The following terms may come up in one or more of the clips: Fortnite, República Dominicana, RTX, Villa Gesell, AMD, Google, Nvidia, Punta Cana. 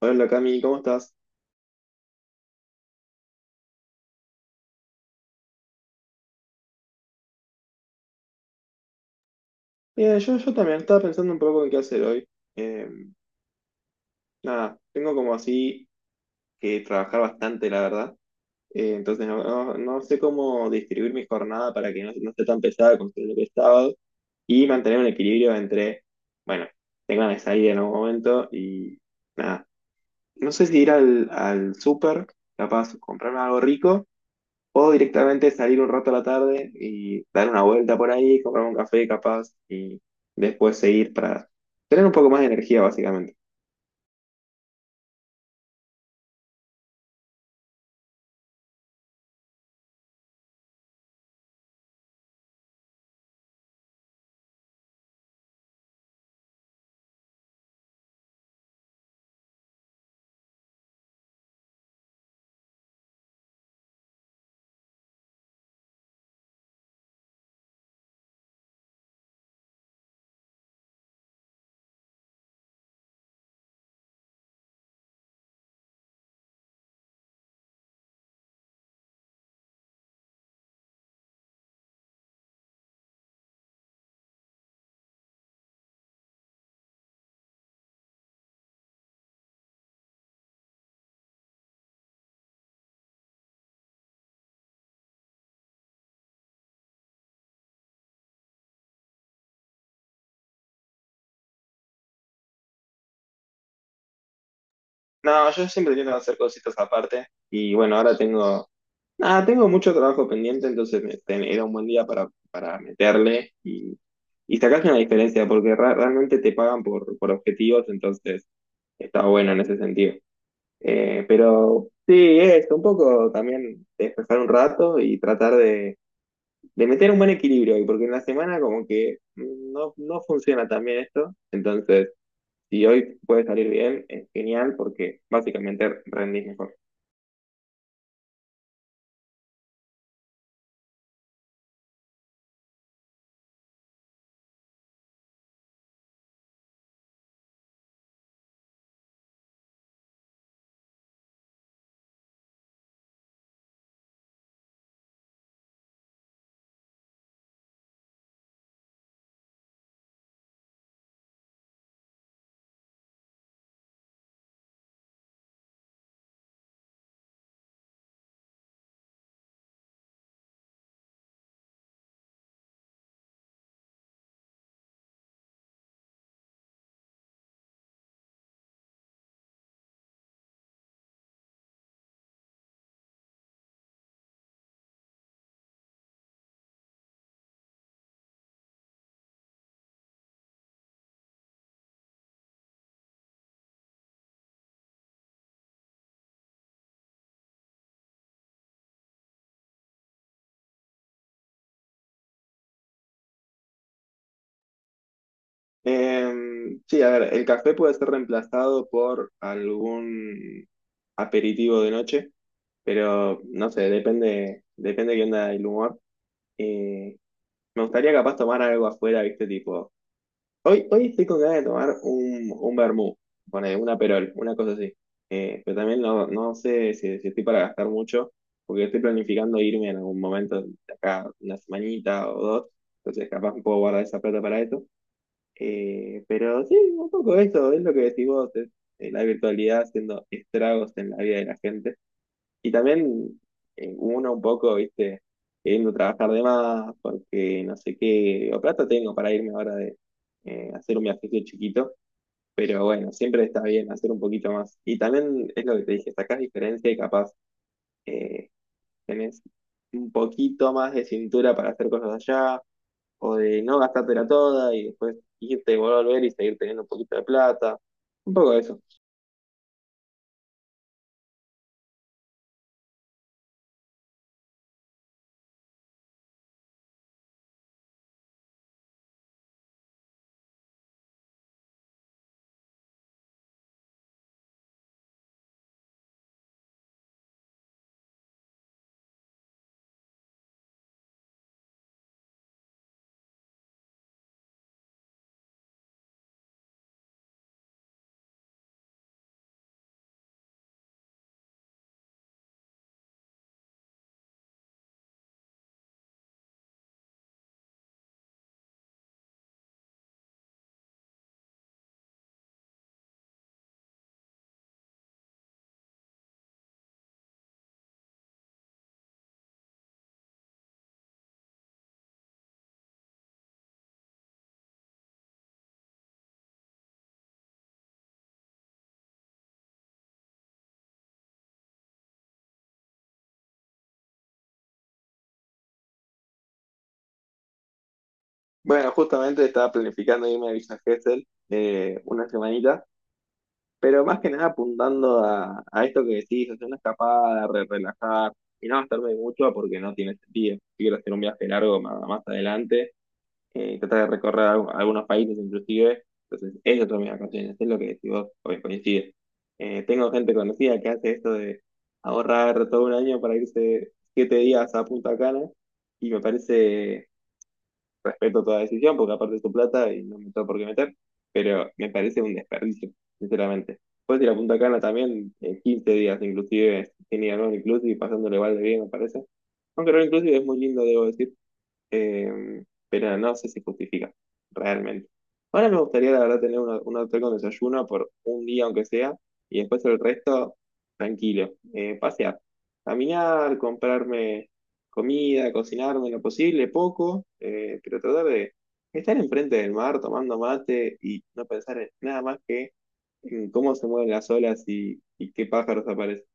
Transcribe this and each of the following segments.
Hola Cami, ¿cómo estás? Bien, yo también estaba pensando un poco en qué hacer hoy. Eh, Nada, tengo como así que trabajar bastante, la verdad. Entonces no sé cómo distribuir mi jornada para que no esté tan pesada como lo que es sábado y mantener un equilibrio entre, bueno, tengo ganas de salir en algún momento y nada. No sé si ir al súper, capaz comprarme algo rico. Puedo directamente salir un rato a la tarde y dar una vuelta por ahí, comprar un café capaz y después seguir para tener un poco más de energía básicamente. No, yo siempre intento hacer cositas aparte y bueno, ahora tengo, nada, tengo mucho trabajo pendiente, entonces era un buen día para meterle y sacarse una diferencia porque realmente te pagan por objetivos, entonces está bueno en ese sentido. Pero sí, es un poco también despejar un rato y tratar de meter un buen equilibrio, porque en la semana como que no funciona tan bien esto, entonces si hoy puede salir bien, es genial porque básicamente rendís mejor. Sí, a ver, el café puede ser reemplazado por algún aperitivo de noche, pero no sé, depende qué onda el humor. Eh, Me gustaría capaz tomar algo afuera, viste, tipo. Hoy estoy con ganas de tomar un vermú, pone, una perol, una cosa así. Pero también no, no sé si, si estoy para gastar mucho, porque estoy planificando irme en algún momento, de acá una semanita o dos, entonces capaz puedo guardar esa plata para eso. Pero sí, un poco eso, es lo que decís vos, es, la virtualidad haciendo estragos en la vida de la gente. Y también uno un poco, viste, queriendo trabajar de más, porque no sé qué, o plata tengo para irme ahora de hacer un viajecito chiquito, pero bueno, siempre está bien hacer un poquito más. Y también es lo que te dije, sacás diferencia y capaz eh, tenés un poquito más de cintura para hacer cosas allá, o de no gastártela toda y después irte, volver y seguir teniendo un poquito de plata, un poco de eso. Bueno, justamente estaba planificando irme a Villa Gesell una semanita. Pero más que nada apuntando a esto que decís, hacer una escapada, relajar y no gastarme mucho porque no tiene sentido. Si quiero hacer un viaje largo más adelante, tratar de recorrer algunos países inclusive. Entonces, esas son mis vacaciones, es lo que decís vos, o coincide. Tengo gente conocida que hace esto de ahorrar todo un año para irse 7 días a Punta Cana y me parece, respeto toda decisión, porque aparte es tu plata y no me tengo por qué meter, pero me parece un desperdicio, sinceramente. Puedes ir a Punta Cana también 15 días, inclusive, sin ir a All Inclusive, pasándole igual de bien, me parece. Aunque All Inclusive es muy lindo, debo decir, eh, pero no sé si justifica, realmente. Ahora me gustaría, la verdad, tener un hotel con desayuno por un día, aunque sea, y después el resto, tranquilo. Pasear, caminar, comprarme comida, cocinarme lo posible, poco, pero tratar de estar enfrente del mar tomando mate y no pensar en nada más que en cómo se mueven las olas y qué pájaros aparecen.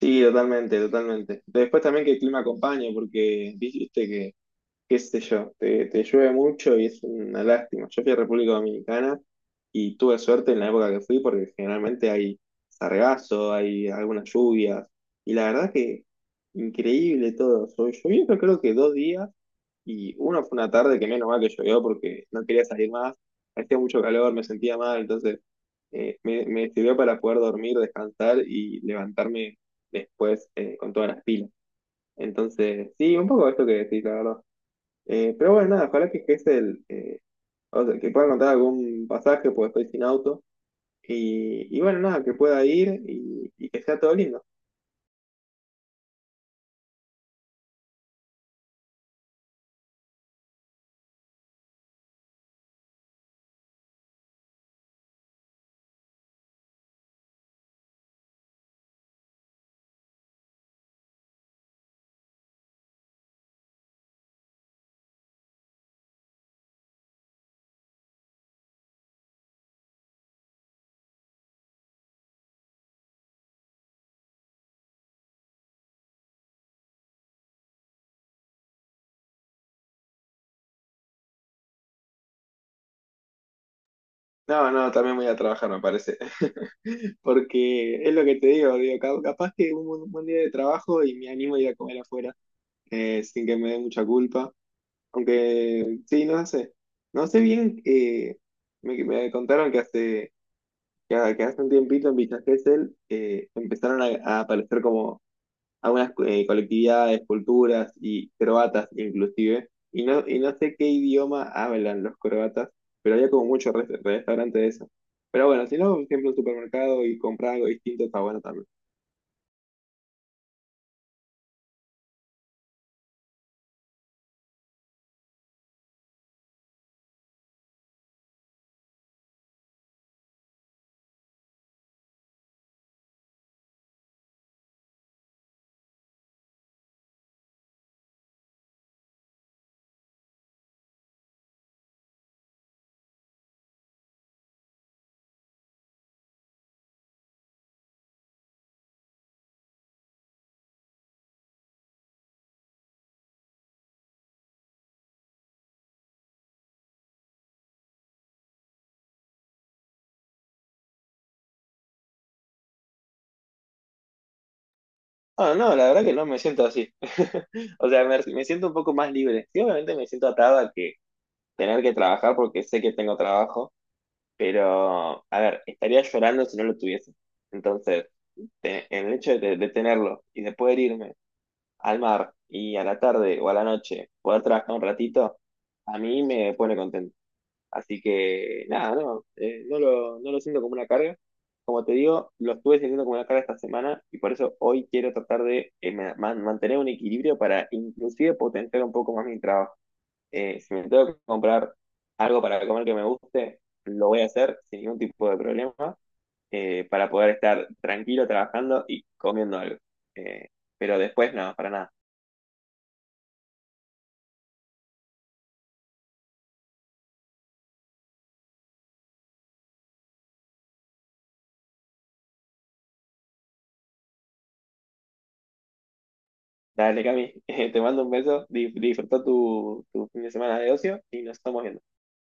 Sí, totalmente, totalmente. Después también que el clima acompañe, porque dijiste que qué sé yo, te llueve mucho y es una lástima. Yo fui a República Dominicana y tuve suerte en la época que fui porque generalmente hay sargazo, hay algunas lluvias y la verdad que increíble todo. Llovió. Yo creo que 2 días y uno fue una tarde que menos mal que llovió porque no quería salir más, hacía mucho calor, me sentía mal, entonces me sirvió para poder dormir, descansar y levantarme después con todas las pilas. Entonces, sí, un poco esto que decís, la verdad. Pero bueno, nada, ojalá que es el, o sea, que pueda encontrar algún pasaje porque estoy sin auto. Y bueno, nada, que pueda ir y que sea todo lindo. No, no, también voy a trabajar, me parece. Porque es lo que te digo, digo, capaz que un buen día de trabajo y me animo a ir a comer afuera, sin que me dé mucha culpa. Aunque, sí, no sé. No sé bien, me contaron que que hace un tiempito en Villa Gesell empezaron a aparecer como algunas colectividades, culturas y croatas inclusive, y no sé qué idioma hablan los croatas, pero había como muchos restaurantes de eso. Pero bueno, si no, siempre un supermercado y comprar algo distinto está bueno también. Ah, no, la verdad que no me siento así. O sea, me siento un poco más libre. Sí, obviamente me siento atado a que tener que trabajar porque sé que tengo trabajo, pero a ver, estaría llorando si no lo tuviese. Entonces, el hecho de tenerlo y de poder irme al mar y a la tarde o a la noche poder trabajar un ratito, a mí me pone contento. Así que nada, no, no lo siento como una carga. Como te digo, lo estuve sintiendo como una carga esta semana y por eso hoy quiero tratar de mantener un equilibrio para inclusive potenciar un poco más mi trabajo. Si me tengo que comprar algo para comer que me guste, lo voy a hacer sin ningún tipo de problema, para poder estar tranquilo trabajando y comiendo algo. Eh, pero después no, para nada. Dale, Cami, te mando un beso, disfruta tu fin de semana de ocio y nos estamos viendo.